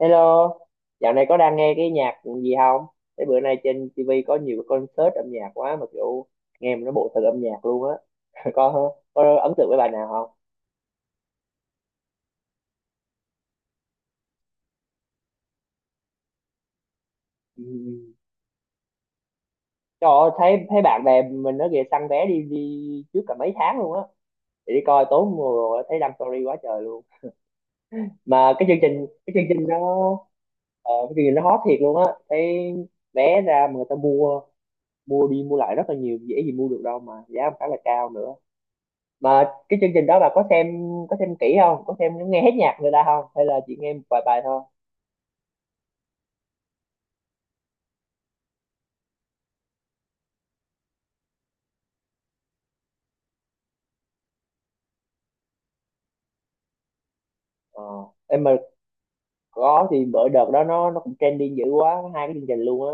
Hello, dạo này có đang nghe cái nhạc gì không? Thế bữa nay trên TV có nhiều cái concert âm nhạc quá mà kiểu nghe mà nó bộ thật âm nhạc luôn á. Có ấn tượng với bài nào không? Ừ. Trời ơi, thấy thấy bạn bè mình nó kìa săn vé đi đi trước cả mấy tháng luôn á. Để đi coi tốn mùa rồi thấy đăng story quá trời luôn. Mà cái chương trình nó ờ, cái chương trình nó hot thiệt luôn á. Thấy vé ra mà người ta mua mua đi mua lại rất là nhiều, dễ gì mua được đâu mà giá khá là cao nữa. Mà cái chương trình đó bà có xem, có xem kỹ không, có xem nghe hết nhạc người ta không hay là chỉ nghe một vài bài thôi? ờ em mà có thì bữa đợt đó nó cũng trending dữ quá, có hai cái chương trình luôn á.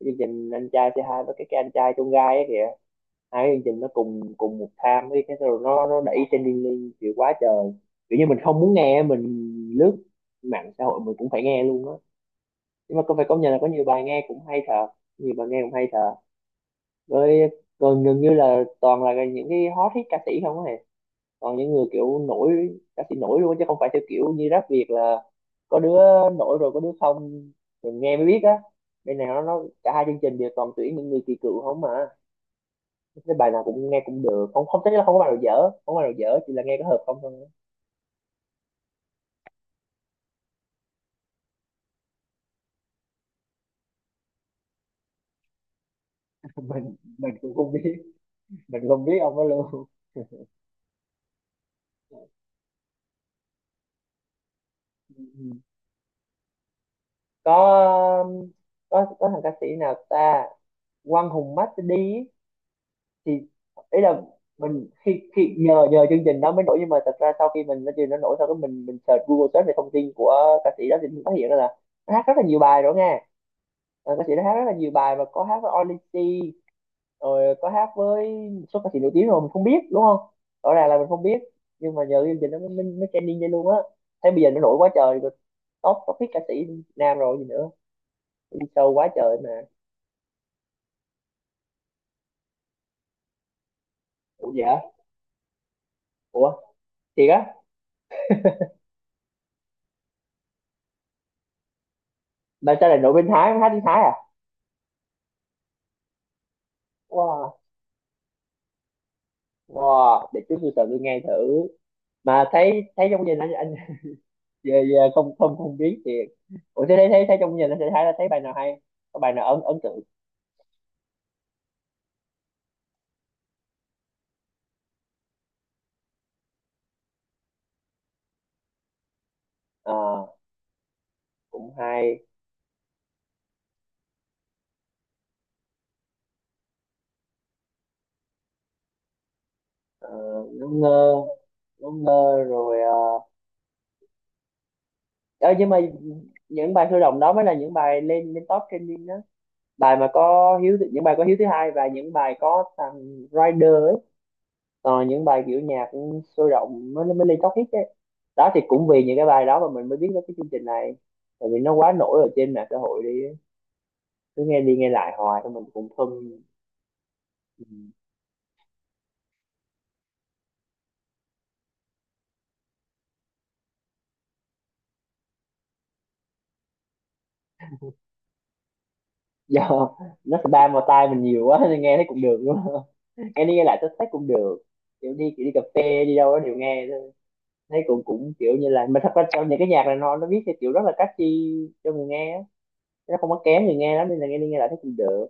Cái chương trình anh trai c hai với cái anh trai trong gai á kìa, hai cái chương trình nó cùng cùng một time với cái rồi nó đẩy trending lên kiểu quá trời. Kiểu như mình không muốn nghe, mình lướt mạng xã hội mình cũng phải nghe luôn á. Nhưng mà có phải công nhận là có nhiều bài nghe cũng hay thật, nhiều bài nghe cũng hay thật. Với gần gần như là toàn là những cái hot hit ca sĩ không á, còn những người kiểu nổi, ca sĩ nổi luôn chứ không phải theo kiểu như rap Việt là có đứa nổi rồi có đứa không, mình nghe mới biết á. Bên này nó cả hai chương trình đều toàn tuyển những người kỳ cựu không mà, cái bài nào cũng nghe cũng được, không không thấy là không có bài nào dở, không có bài nào dở, chỉ là nghe có hợp không thôi. Mình cũng không biết, mình không biết ông đó luôn. Ừ. có có có thằng ca sĩ nào ta, Quang Hùng Master D ấy, thì ý là mình khi khi nhờ nhờ chương trình đó mới nổi, nhưng mà thật ra sau khi mình nó chưa nó nổi sau cái mình search Google, search về thông tin của ca sĩ đó thì mình phát hiện ra là nó hát rất là nhiều bài rồi nghe. Ờ, ca sĩ đó hát rất là nhiều bài, mà có hát với Odyssey rồi có hát với một số ca sĩ nổi tiếng rồi mình không biết, đúng không, rõ ràng là mình không biết. Nhưng mà nhờ chương trình nó mới mới, mới trending lên luôn á, thế bây giờ nó nổi quá trời rồi, top top hit ca sĩ nam rồi gì nữa, đi show quá trời mà. Ủa dạ, ủa thiệt á? Bạn sao lại nổi bên Thái, hát tiếng Thái à? Wow. Wow, để chút tôi tôi nghe thử. Mà thấy thấy trong gia đình anh về không không không biết thì. Ủa thế thấy thấy thấy trong gia đình anh, thấy thấy bài nào hay? Có bài nào ấn ấn tượng? Ờ, cũng hay. Ờ, ngớ ngơ, ngớ ngơ rồi. Ờ. Ờ, nhưng mà những bài sôi động đó mới là những bài lên lên top trending đó. Bài mà có hiếu thứ- Những bài có hiếu thứ hai và những bài có thằng Rider ấy. Ờ, những bài kiểu nhạc cũng sôi động mới mới lên top hit đấy đó, thì cũng vì những cái bài đó mà mình mới biết đến cái chương trình này, tại vì nó quá nổi ở trên mạng xã hội đi ấy. Cứ nghe đi nghe lại hoài thôi mình cũng thân. Do nó spam vào tai mình nhiều quá nên nghe thấy cũng được đúng không? Nghe đi nghe lại tôi thấy cũng được, kiểu đi cà phê đi đâu đó đều nghe thôi. Thấy cũng cũng kiểu như là, mà thật ra trong những cái nhạc này nó viết theo kiểu rất là catchy cho người nghe á, nó không có kén người nghe lắm nên là nghe đi nghe lại thấy cũng được.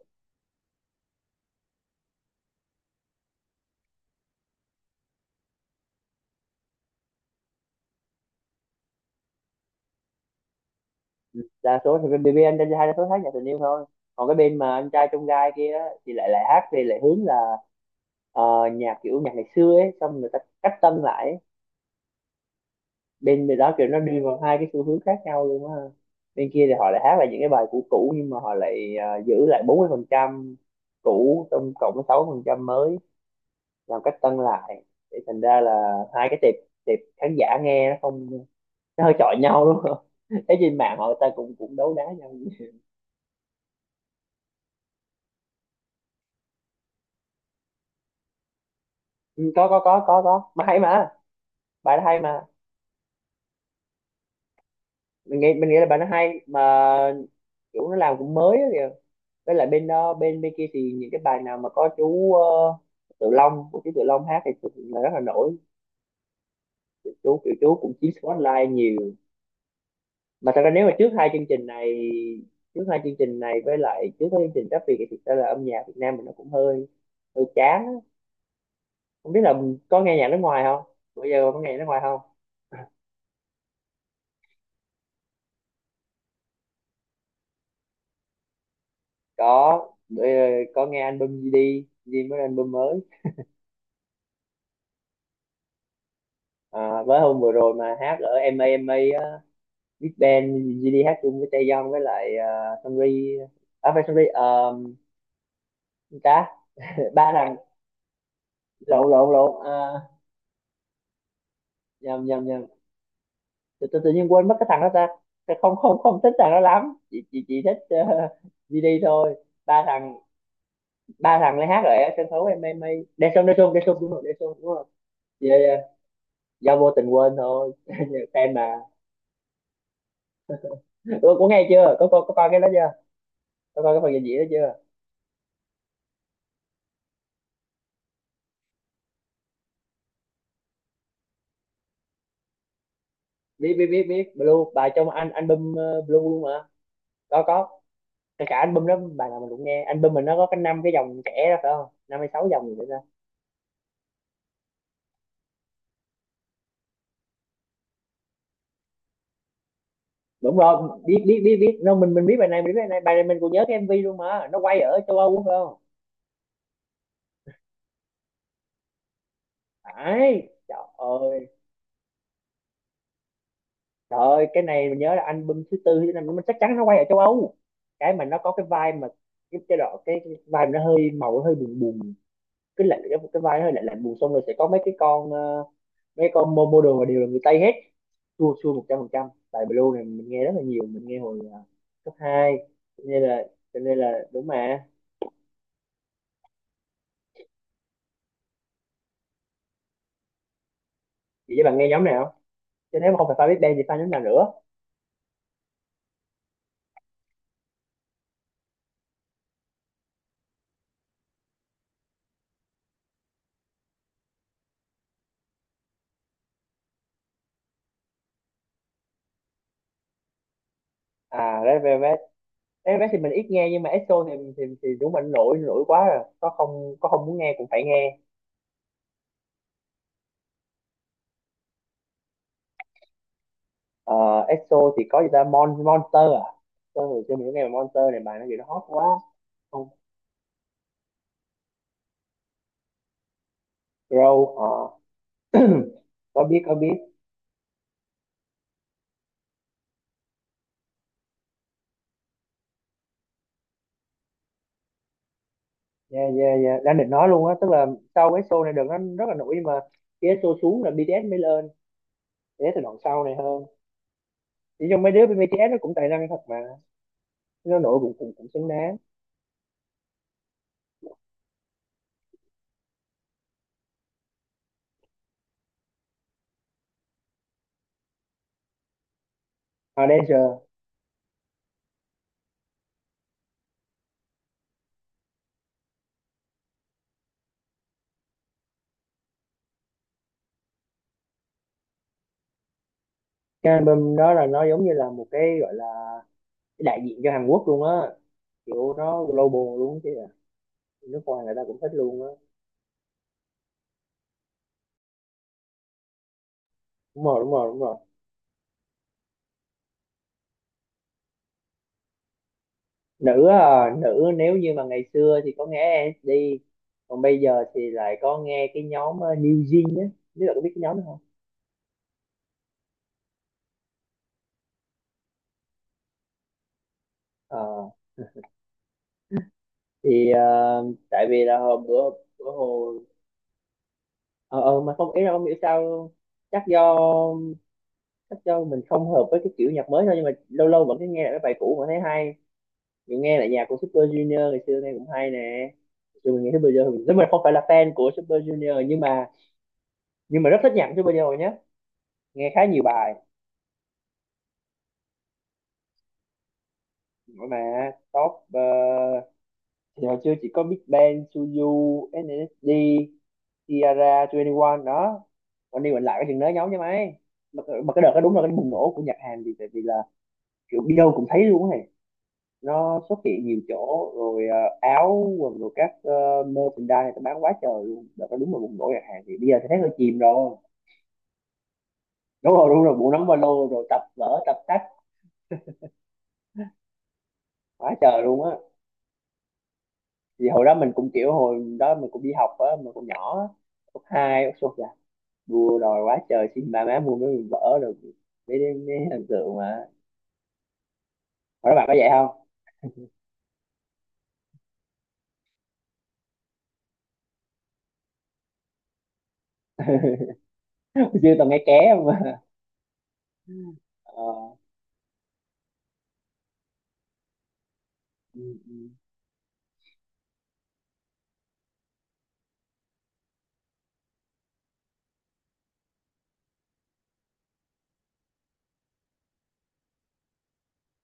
Đa số thì bên BB anh trai hai đa số hát nhạc tình yêu thôi, còn cái bên mà anh trai trong gai kia á, thì lại lại hát thì lại hướng là ờ, nhạc kiểu nhạc ngày xưa ấy xong người ta cách tân lại ấy. Bên bên đó kiểu nó đi vào hai cái xu hướng khác nhau luôn á, bên kia thì họ lại hát lại những cái bài cũ cũ nhưng mà họ lại giữ lại 40% cũ trong cộng với 6% mới, làm cách tân lại, thì thành ra là hai cái tệp tệp khán giả nghe nó không, nó hơi chọi nhau đúng không. Thấy trên mạng họ ta cũng cũng đấu đá nhau. Ừ, có mà hay mà, bài nó hay mà, mình nghĩ là bài nó hay mà, kiểu nó làm cũng mới á kìa. Với lại bên đó bên bên kia thì những cái bài nào mà có chú Tự Long, của chú Tự Long hát thì thực sự là rất là nổi, chú kiểu chú cũng chiếm spotlight nhiều. Mà thật ra nếu mà trước hai chương trình này với lại trước cái chương trình Rap Việt thì thực ra là âm nhạc Việt Nam mình nó cũng hơi hơi chán á. Không biết là mình có nghe nhạc nước ngoài không, bữa giờ có nghe nhạc nước ngoài không? Có, bữa giờ có nghe album GD, GD mới ra album mới. À, với hôm vừa rồi mà hát ở MA MA á, Big Bang, GD hát chung với Taeyong với lại Sunri, à phải Sunri, ta ba thằng, lộn lộn lộn à, nhầm nhầm nhầm tự nhiên quên mất cái thằng đó ta. Ta không không không thích thằng đó lắm, chị thích GD thôi. ba thằng Ba thằng lấy hát ở sân khấu em a em A. Daesung Daesung Daesung đúng rồi, Daesung đúng rồi. Yeah, yeah. Do vô tình quên thôi. Fan mà. Ủa, có nghe chưa, có coi, có coi cái đó chưa, có coi cái phần trình diễn đó chưa? Biết biết biết Biết Blue, bài trong anh album Blue luôn mà. Có cả album đó bài nào mình cũng nghe, album mình nó có cái năm cái dòng trẻ đó phải không, năm hay sáu dòng gì nữa đó ra. Đúng rồi, biết biết biết biết nó, mình biết bài này, mình biết bài này, bài này mình còn nhớ cái MV luôn mà nó quay ở châu Âu đúng không, phải, trời ơi. Trời ơi cái này mình nhớ là album thứ tư thứ năm, nó chắc chắn nó quay ở châu Âu, cái mà nó có cái vai mà cái vai mà nó hơi màu, nó hơi buồn buồn, cái lạnh, cái vai nó hơi lạnh lạnh buồn xong rồi sẽ có mấy cái con mấy con model mà đều là người Tây hết. Chua chua 100%, tại Blue này mình nghe rất là nhiều, mình nghe hồi cấp hai, cho nên là, cho nên là đúng mà. Vậy bạn nghe nhóm nào chứ, nếu mà không phải Five Big Bang thì fan nhóm nào nữa? À Red Velvet, Red Velvet thì mình ít nghe, nhưng mà EXO thì thì đúng mình nổi, nổi quá rồi có không, có không muốn nghe cũng phải nghe. Ờ, EXO thì có gì ta, Monster à, tôi hồi xưa mình cũng nghe bài Monster này, bài nó gì nó hot quá. Không, Grow ờ. Có biết. Dạ dạ dạ, đang định nói luôn á, tức là sau cái show này đợt nó rất là nổi, nhưng mà khi cái show xuống là BTS mới lên, để từ đoạn sau này hơn. Chỉ trong mấy đứa bên BTS nó cũng tài năng thật mà, nó nổi cũng cũng cũng xứng đáng. À Danger. Cái album đó là nó giống như là một cái gọi là cái đại diện cho Hàn Quốc luôn á, kiểu nó global luôn chứ à, nước ngoài người ta cũng thích luôn á. Đúng rồi. Nữ à, nữ nếu như mà ngày xưa thì có nghe SNSD, còn bây giờ thì lại có nghe cái nhóm New Jeans á, biết là có biết cái nhóm đó không? Ờ thì tại vì là hôm bữa, bữa hồ ờ, mà không, ý là không hiểu sao luôn. chắc do chắc do mình không hợp với cái kiểu nhạc mới thôi, nhưng mà lâu lâu vẫn cứ nghe lại cái bài cũ mà thấy hay. Mình nghe lại nhạc của Super Junior ngày xưa nghe cũng hay nè. Dù mình nghe Super Junior, nếu mình không phải là fan của Super Junior, nhưng mà rất thích nhạc của Super Junior nhé, nghe khá nhiều bài mà top thì hồi xưa chỉ có Big Bang, Suzu, SNSD, Kiara 21 đó. Còn đi mình lại cái chuyện đó giống như mấy, mà cái đợt đó đúng là cái bùng nổ của Nhật Hàn. Thì tại vì là kiểu đi đâu cũng thấy luôn này, nó xuất hiện nhiều chỗ rồi, áo quần rồi các merchandise này tao bán quá trời luôn. Đợt đó đúng là bùng nổ Nhật Hàn, thì bây giờ thì thấy hơi chìm rồi. Đúng rồi, đúng rồi, bộ nắm ba lô rồi tập vở tập tách quá trời luôn á. Thì hồi đó mình cũng kiểu, hồi đó mình cũng đi học á, mình cũng nhỏ á, cấp hai cấp số dạ, đua đòi quá trời, xin ba má mua mấy vở rồi mấy, mấy hình tượng mà. Các bạn có vậy không? Chưa từng nghe ké không mà. Ờ, ừ, ừ,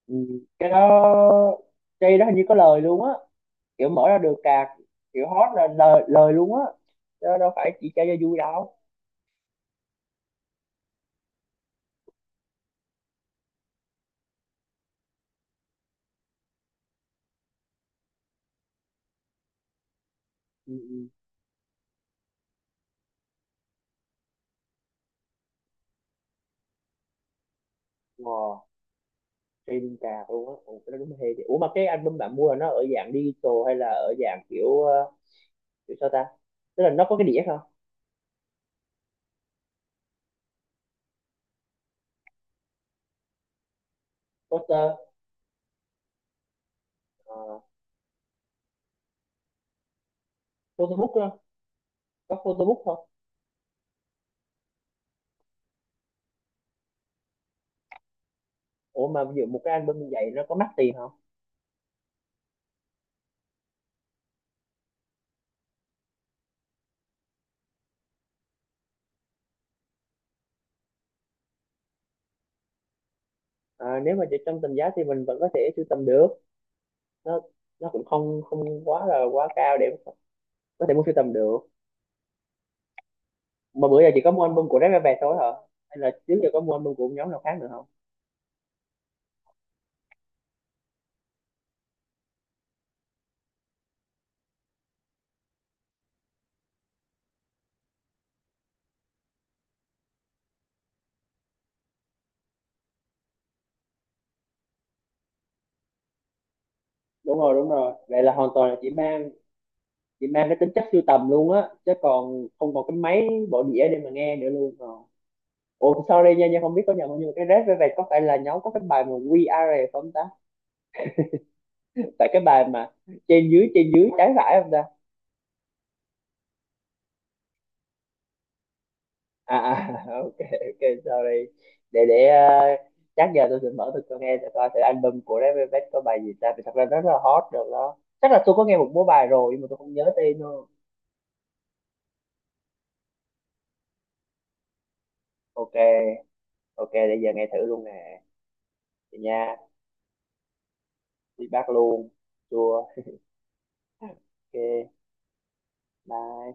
ừ. Cái đó, cái đó hình như có lời luôn á. Kiểu mở ra được cạc, kiểu hot là lời, lời luôn á. Đó đâu phải chỉ chơi cho vui đâu. Ừ, ừ. Wow, trên cạc luôn á. Ủa cái đó đúng là hay thiệt. Ủa mà cái album bạn mua là nó ở dạng digital hay là ở dạng kiểu kiểu sao ta? Tức là nó có cái đĩa không? Poster, uh, photobook không? Có photobook không? Ủa mà ví dụ một cái album như vậy nó có mắc tiền không? À, nếu mà chỉ trong tầm giá thì mình vẫn có thể sưu tầm được, nó nó cũng không không quá là quá cao để có thể mua sưu tầm được. Mà bữa giờ chỉ có mua album của Red Velvet thôi hả, hay là trước giờ có mua album của nhóm nào khác nữa không? Đúng rồi, đúng rồi, vậy là hoàn toàn là chị mang, chỉ mang cái tính chất sưu tầm luôn á, chứ còn không còn cái máy bộ đĩa để mà nghe nữa luôn rồi. Ủa sorry nha, nha không biết có nhầm không, nhưng mà cái Red Velvet có phải là nhóm có cái bài mà We Are Rồi không ta? Tại cái bài mà trên dưới trái phải không ta? À à, ok ok sorry, để chắc giờ tôi sẽ mở thử, tôi nghe thử coi thử album của Red Velvet có bài gì ta, vì thật ra nó rất là hot rồi đó. Chắc là tôi có nghe một số bài rồi nhưng mà tôi không nhớ tên nữa. Ok, ok, để giờ nghe thử luôn nè. Vậy nha, đi bác luôn, chua, ok bye